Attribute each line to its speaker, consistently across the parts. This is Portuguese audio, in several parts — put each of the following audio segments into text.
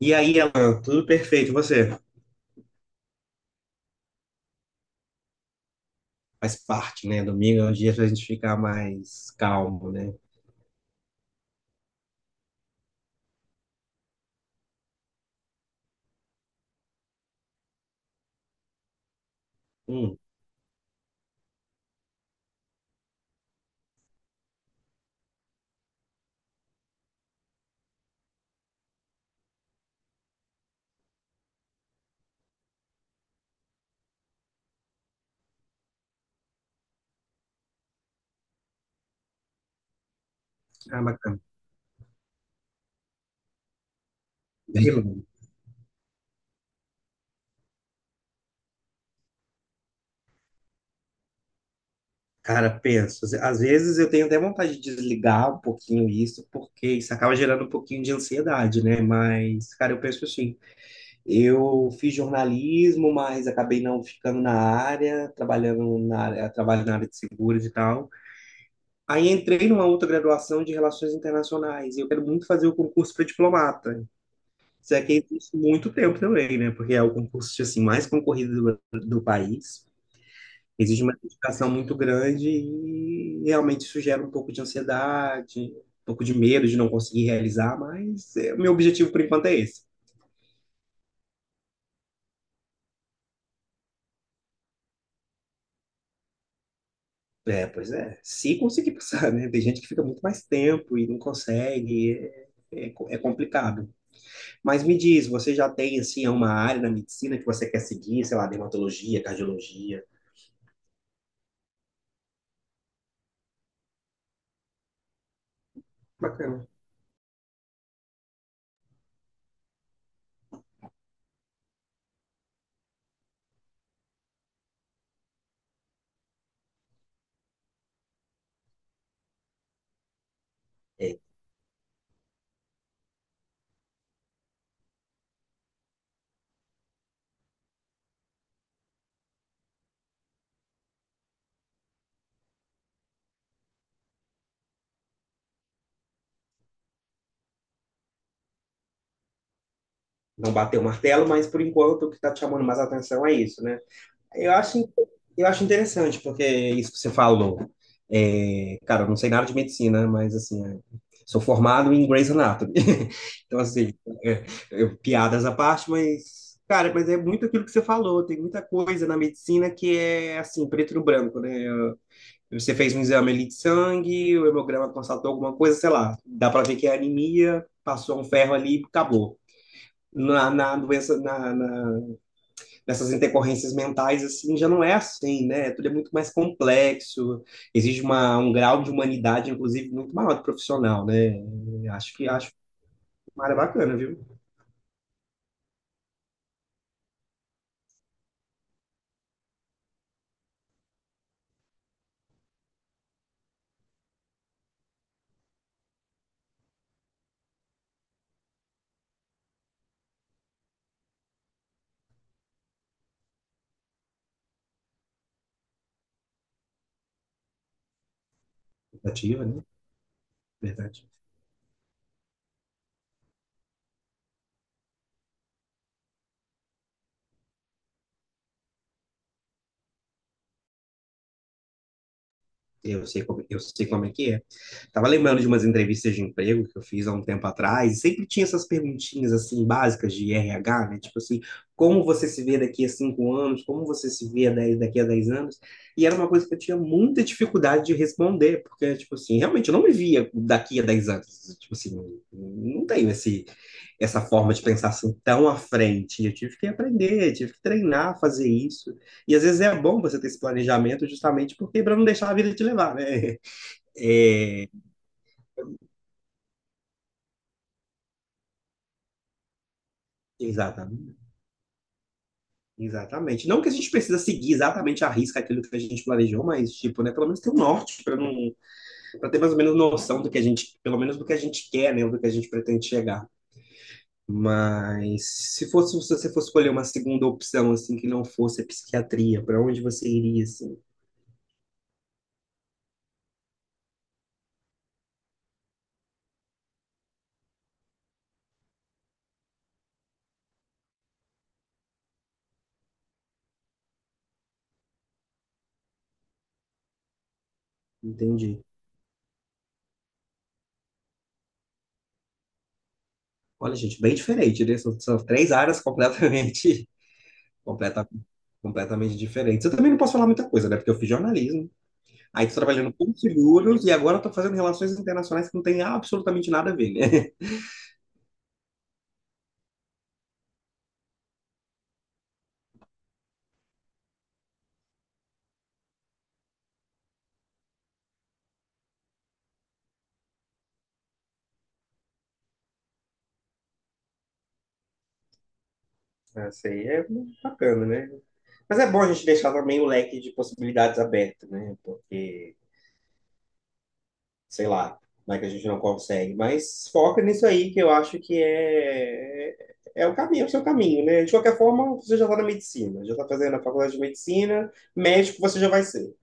Speaker 1: E aí, Alan, tudo perfeito, e você? Faz parte, né? Domingo é o dia pra gente ficar mais calmo, né? Hum, ah, bacana. Eu, cara, penso, às vezes eu tenho até vontade de desligar um pouquinho isso, porque isso acaba gerando um pouquinho de ansiedade, né? Mas, cara, eu penso assim, eu fiz jornalismo, mas acabei não ficando na área, trabalhando na área, trabalho na área de seguros e tal. Aí entrei numa outra graduação de relações internacionais e eu quero muito fazer o concurso para diplomata. Isso aqui existe muito tempo também, né? Porque é o concurso tipo assim mais concorrido do país. Exige uma dedicação muito grande e realmente isso gera um pouco de ansiedade, um pouco de medo de não conseguir realizar, mas é, o meu objetivo por enquanto é esse. É, pois é, se conseguir passar, né? Tem gente que fica muito mais tempo e não consegue, é, é, é complicado. Mas me diz, você já tem, assim, uma área na medicina que você quer seguir, sei lá, dermatologia, cardiologia? Bacana. Não bater o martelo, mas por enquanto o que está te chamando mais atenção é isso, né? Eu acho, eu acho interessante, porque isso que você falou. É, cara, eu não sei nada de medicina, mas assim, é, sou formado em Grey's Anatomy. Então, assim, é, piadas à parte, mas, cara, mas é muito aquilo que você falou. Tem muita coisa na medicina que é assim, preto no branco, né? Você fez um exame ali de sangue, o hemograma constatou alguma coisa, sei lá, dá pra ver que é anemia, passou um ferro ali e acabou na doença, na nessas intercorrências mentais, assim, já não é assim, né? Tudo é muito mais complexo, exige um grau de humanidade, inclusive, muito maior do profissional, né? Acho uma área bacana, viu? Ativa, né? Verdade. Eu sei como é que é. Tava lembrando de umas entrevistas de emprego que eu fiz há um tempo atrás, e sempre tinha essas perguntinhas assim básicas de RH, né? Tipo assim, como você se vê daqui a 5 anos, como você se vê daqui a 10 anos? E era uma coisa que eu tinha muita dificuldade de responder, porque, tipo assim, realmente eu não me via daqui a 10 anos. Tipo assim, não tenho esse, essa forma de pensar assim tão à frente. E eu tive que aprender, tive que treinar a fazer isso. E às vezes é bom você ter esse planejamento justamente porque para não deixar a vida te levar, né? Exatamente. Exatamente. Não que a gente precisa seguir exatamente à risca aquilo que a gente planejou, mas tipo, né, pelo menos ter um norte para não, para ter mais ou menos noção do que a gente, pelo menos do que a gente quer, né, ou do que a gente pretende chegar. Mas se você fosse escolher uma segunda opção assim que não fosse a psiquiatria, para onde você iria assim? Entendi. Olha, gente, bem diferente, né? São três áreas completamente Completa, completamente diferentes. Eu também não posso falar muita coisa, né? Porque eu fiz jornalismo, aí tô trabalhando com seguros e agora eu tô fazendo relações internacionais que não tem absolutamente nada a ver, né? Ah, isso aí é bacana, né? Mas é bom a gente deixar também o leque de possibilidades aberto, né? Porque, sei lá, não é que a gente não consegue. Mas foca nisso aí, que eu acho que é é o caminho, é o seu caminho, né? De qualquer forma, você já está na medicina, já está fazendo a faculdade de medicina, médico você já vai ser.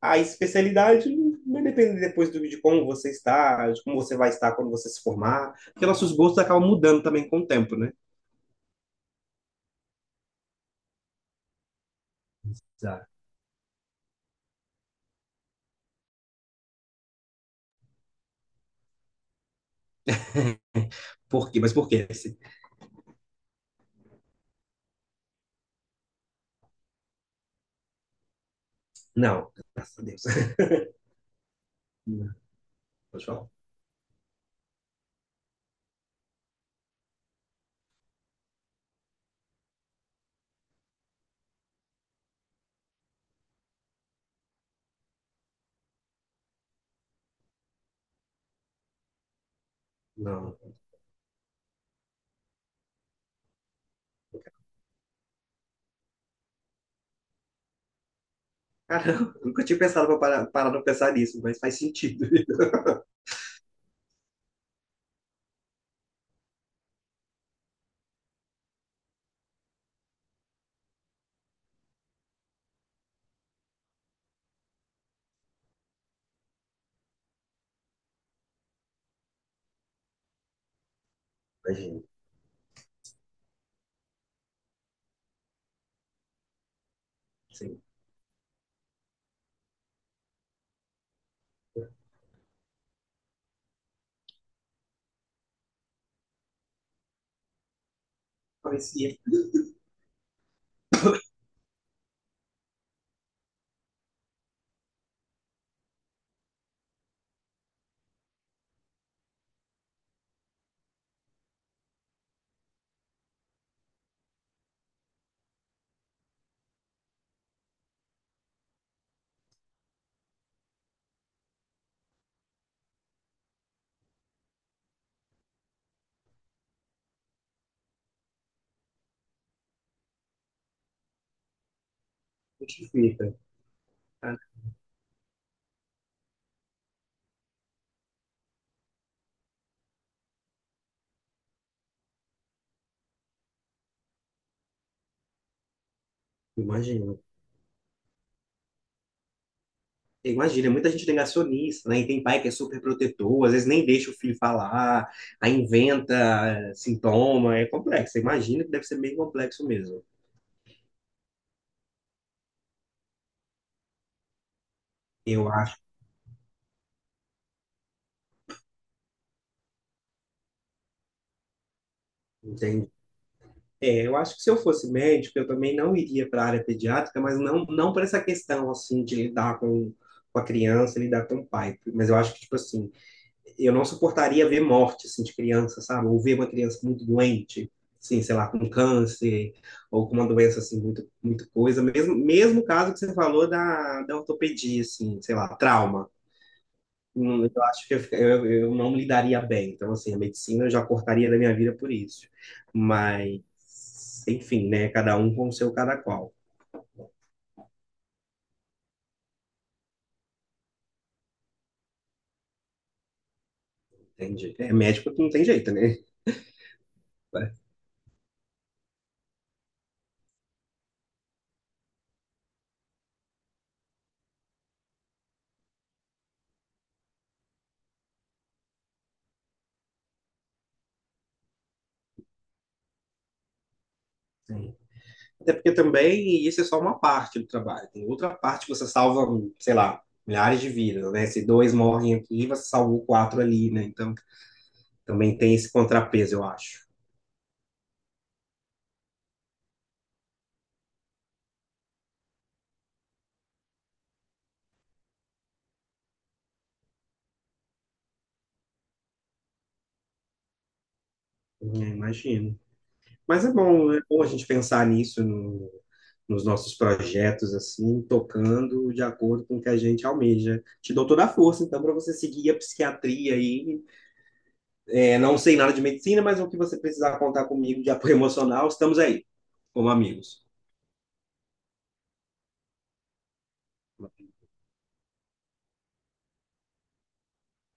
Speaker 1: A especialidade vai depender depois do, de como você está, de como você vai estar quando você se formar, porque nossos gostos acabam mudando também com o tempo, né? Exato. Por quê? Mas por quê? Não, graças a Deus. Não, pode falar? Não. Caramba, nunca tinha pensado para parar pra pensar nisso, mas faz sentido. Imagina, sim. Parecia se justifica. Cara, imagina. Imagina, muita gente negacionista, né? E tem pai que é super protetor, às vezes nem deixa o filho falar, aí inventa sintoma, é complexo. Imagina que deve ser bem complexo mesmo. Eu acho, entende? É, eu acho que se eu fosse médico, eu também não iria para a área pediátrica, mas não para essa questão, assim, de lidar com a criança, lidar com o pai. Mas eu acho que, tipo assim, eu não suportaria ver morte assim, de criança, sabe? Ou ver uma criança muito doente, assim, sei lá, com câncer, ou com uma doença assim, muito, muito coisa. Mesmo caso que você falou da ortopedia, assim, sei lá, trauma. Eu acho que eu não me lidaria bem. Então, assim, a medicina eu já cortaria da minha vida por isso. Mas, enfim, né? Cada um com o seu cada qual. Entende? É médico que não tem jeito, né? Sim. Até porque também isso é só uma parte do trabalho. Tem outra parte que você salva, sei lá, milhares de vidas, né? Se dois morrem aqui, você salvou quatro ali, né? Então também tem esse contrapeso, eu acho. É, imagino. Mas é bom a gente pensar nisso nos nossos projetos, assim, tocando de acordo com o que a gente almeja. Te dou toda a força, então, para você seguir a psiquiatria aí. É, não sei nada de medicina, mas o que você precisar contar comigo de apoio emocional, estamos aí, como amigos.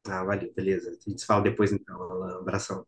Speaker 1: Ah, valeu, beleza. A gente se fala depois então, Alan. Abração.